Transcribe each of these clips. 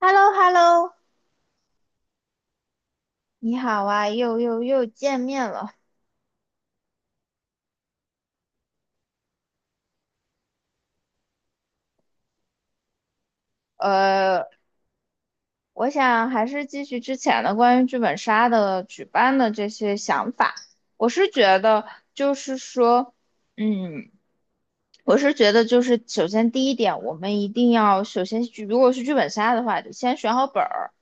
h e l l o h e l l o 你好啊，又见面了。呃，我想还是继续之前的关于剧本杀的举办的这些想法。我是觉得，就是说，嗯，我是觉得，就是首先第一点，我们一定要首先去，如果是剧本杀的话，得先选好本儿。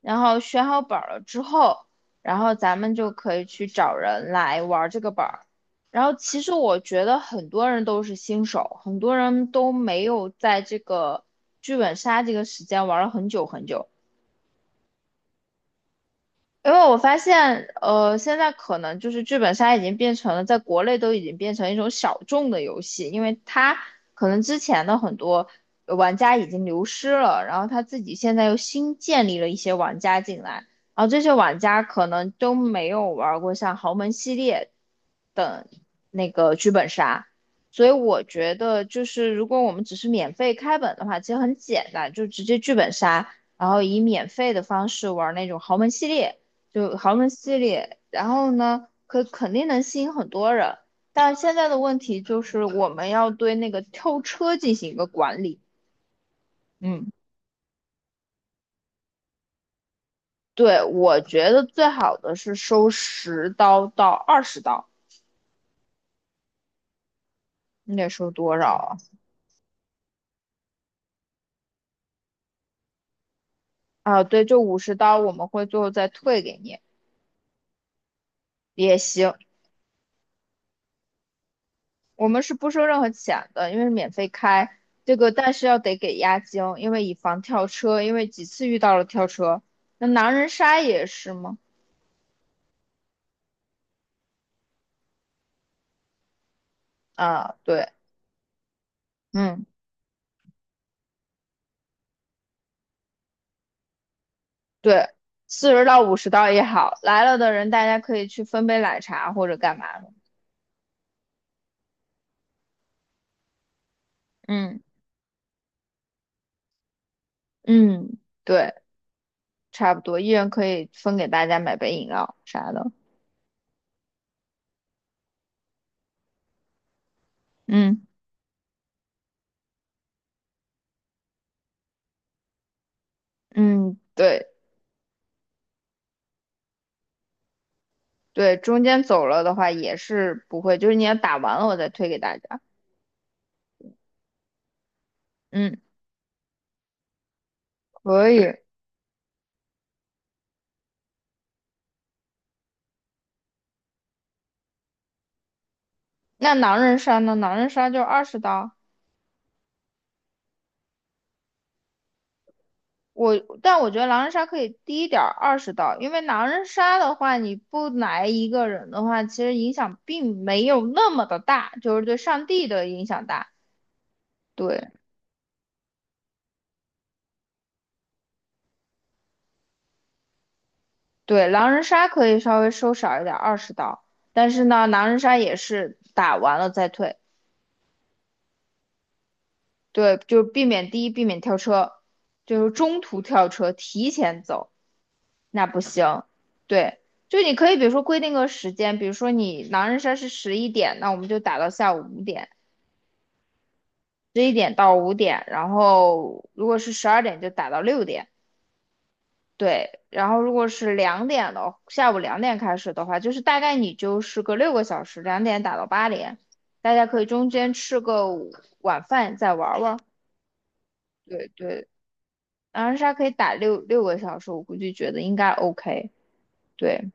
然后选好本儿了之后，然后咱们就可以去找人来玩儿这个本儿。然后其实我觉得很多人都是新手，很多人都没有在这个剧本杀这个时间玩了很久很久。因为我发现，现在可能就是剧本杀已经变成了在国内都已经变成一种小众的游戏，因为它可能之前的很多玩家已经流失了，然后他自己现在又新建立了一些玩家进来，然后这些玩家可能都没有玩过像豪门系列等那个剧本杀，所以我觉得就是如果我们只是免费开本的话，其实很简单，就直接剧本杀。然后以免费的方式玩那种豪门系列，就豪门系列，然后呢，可肯定能吸引很多人。但现在的问题就是我们要对那个跳车进行一个管理。嗯，对，我觉得最好的是收10刀到20刀，你得收多少啊？啊，对，就五十刀，我们会最后再退给你也行。我们是不收任何钱的，因为是免费开这个，但是要得给押金，因为以防跳车，因为几次遇到了跳车。那狼人杀也是吗？啊，对，嗯，对，40到50刀也好，来了的人大家可以去分杯奶茶或者干嘛的，嗯嗯，对，差不多，一人可以分给大家买杯饮料啥的，嗯嗯，对对，中间走了的话也是不会，就是你要打完了我再推给大家，嗯，可以。那狼人杀呢？狼人杀就二十刀，我，但我觉得狼人杀可以低一点二十刀，因为狼人杀的话，你不来一个人的话，其实影响并没有那么的大，就是对上帝的影响大。对对，狼人杀可以稍微收少一点，二十刀。但是呢，狼人杀也是打完了再退，对，就避免第一，避免跳车，就是中途跳车，提前走，那不行。对，就你可以比如说规定个时间，比如说你狼人杀是十一点，那我们就打到下午五点。11点到5点，然后如果是12点就打到6点，对，然后如果是两点的，下午2点开始的话，就是大概你就是个六个小时，2点打到8点，大家可以中间吃个午晚饭再玩玩，对对，狼人杀可以打六个小时，我估计觉得应该 OK，对，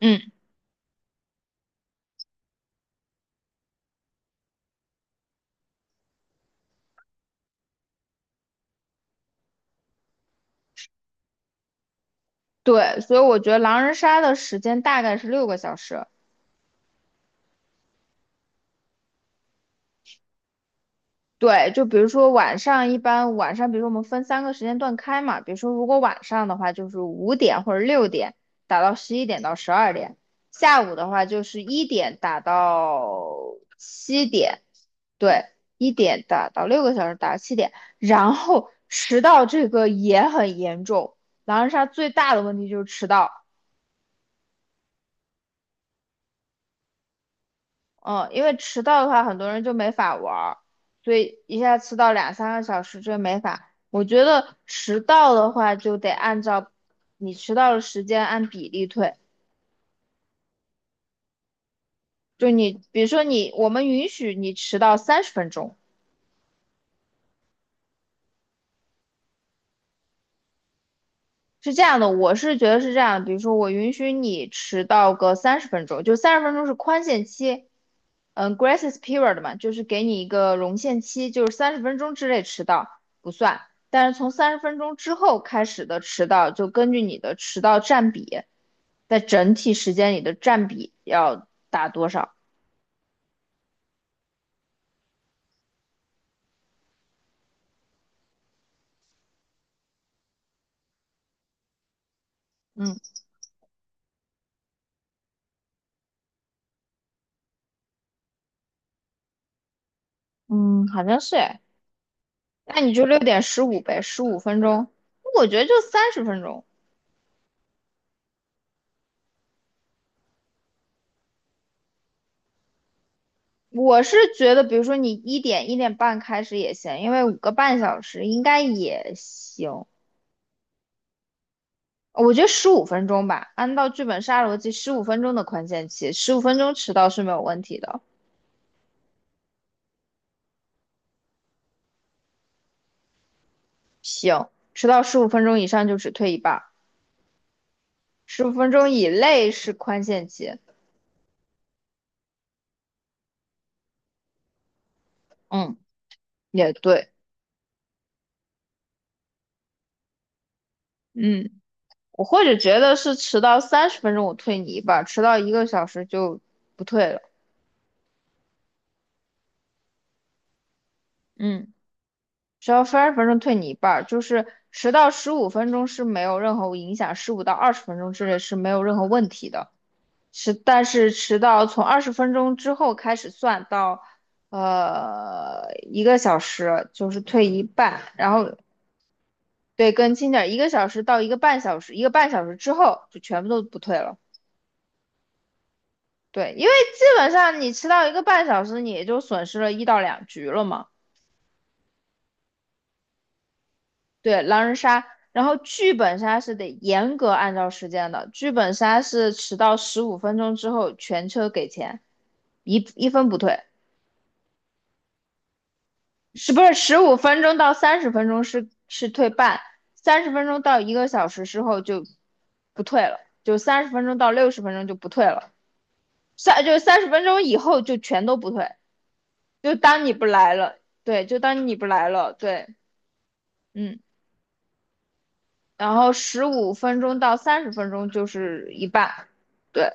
嗯对，所以我觉得狼人杀的时间大概是六个小时，对，就比如说晚上，一般晚上，比如说我们分3个时间段开嘛，比如说如果晚上的话，就是5点或者6点打到11点到12点，下午的话就是1点打到7点，对，1点打到6个小时，打到七点，然后迟到这个也很严重，狼人杀最大的问题就是迟到。嗯，因为迟到的话，很多人就没法玩儿，所以一下迟到2、3个小时这没法。我觉得迟到的话，就得按照你迟到的时间按比例退。就你，比如说你，我们允许你迟到三十分钟，是这样的，我是觉得是这样的。比如说我允许你迟到个三十分钟，就三十分钟是宽限期，嗯，grace period 嘛，就是给你一个容限期，就是30分钟之内迟到不算，但是从30分钟之后开始的迟到，就根据你的迟到占比，在整体时间里的占比要打多少？嗯嗯，好像是哎，那你就6点15呗，十五分钟，我觉得就三十分钟。我是觉得，比如说你1点1点半开始也行，因为5个半小时应该也行。我觉得十五分钟吧，按照剧本杀逻辑，15分钟的宽限期，15分钟迟到是没有问题的。行，迟到15分钟以上就只退一半儿，15分钟以内是宽限期。嗯，也对。嗯，我或者觉得是迟到三十分钟我退你一半儿，迟到一个小时就不退了。嗯，迟到三十分钟退你一半儿，就是迟到十五分钟是没有任何影响，15到20分钟之内是没有任何问题的。但是迟到从20分钟之后开始算到，一个小时就是退一半，然后对，更轻点儿1个小时到1个半小时，1个半小时之后就全部都不退了。对，因为基本上你迟到一个半小时，你也就损失了1到2局了嘛。对，狼人杀，然后剧本杀是得严格按照时间的，剧本杀是迟到15分钟之后全车给钱，一分不退。是不是十五分钟到三十分钟是退半，30分钟到1个小时之后就不退了，就三十分钟到六十分钟就不退了，就30分钟以后就全都不退，就当你不来了，对，就当你不来了，对，嗯，然后十五分钟到三十分钟就是一半，对，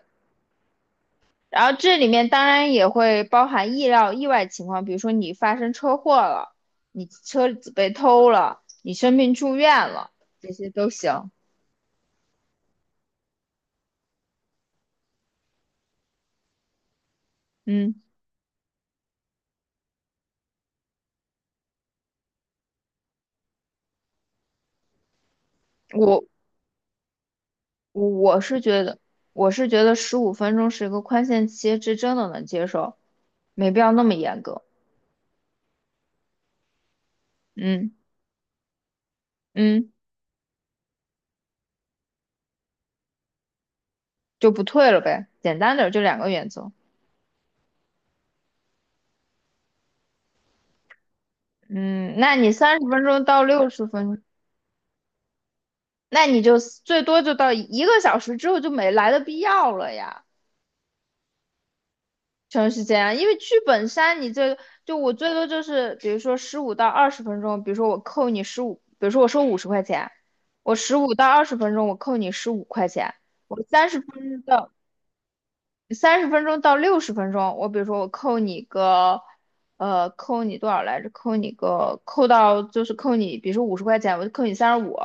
然后这里面当然也会包含意料意外情况，比如说你发生车祸了，你车子被偷了，你生病住院了，这些都行。嗯，我我是觉得，我是觉得15分钟是1个宽限期，这真的能接受，没必要那么严格。嗯嗯，就不退了呗，简单点儿就两个原则。嗯，那你三十分钟到六十分钟，那你就最多就到一个小时之后就没来的必要了呀。确实是这样，因为剧本杀你这个就我最多就是比如说十五到二十分钟，比如说我扣你十五，比如说我收五十块钱，我十五到二十分钟我扣你15块钱，我三十分钟到三十分钟到六十分钟，我比如说我扣你个扣你多少来着？扣你个扣到就是扣你，比如说五十块钱，我就扣你三十五，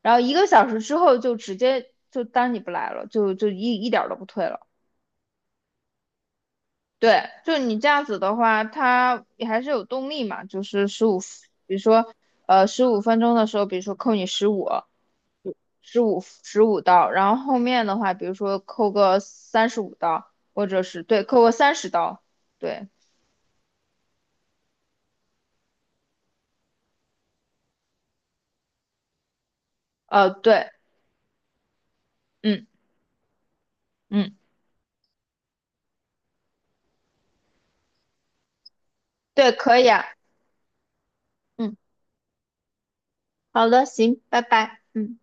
然后一个小时之后就直接就当你不来了，就一点儿都不退了。对，就你这样子的话，它也还是有动力嘛，就是十五，比如说，十五分钟的时候，比如说扣你十五，十五刀，然后后面的话，比如说扣个35刀，或者是对，扣个30刀，对，对，嗯嗯，对，可以啊，嗯，好的，行，拜拜。嗯。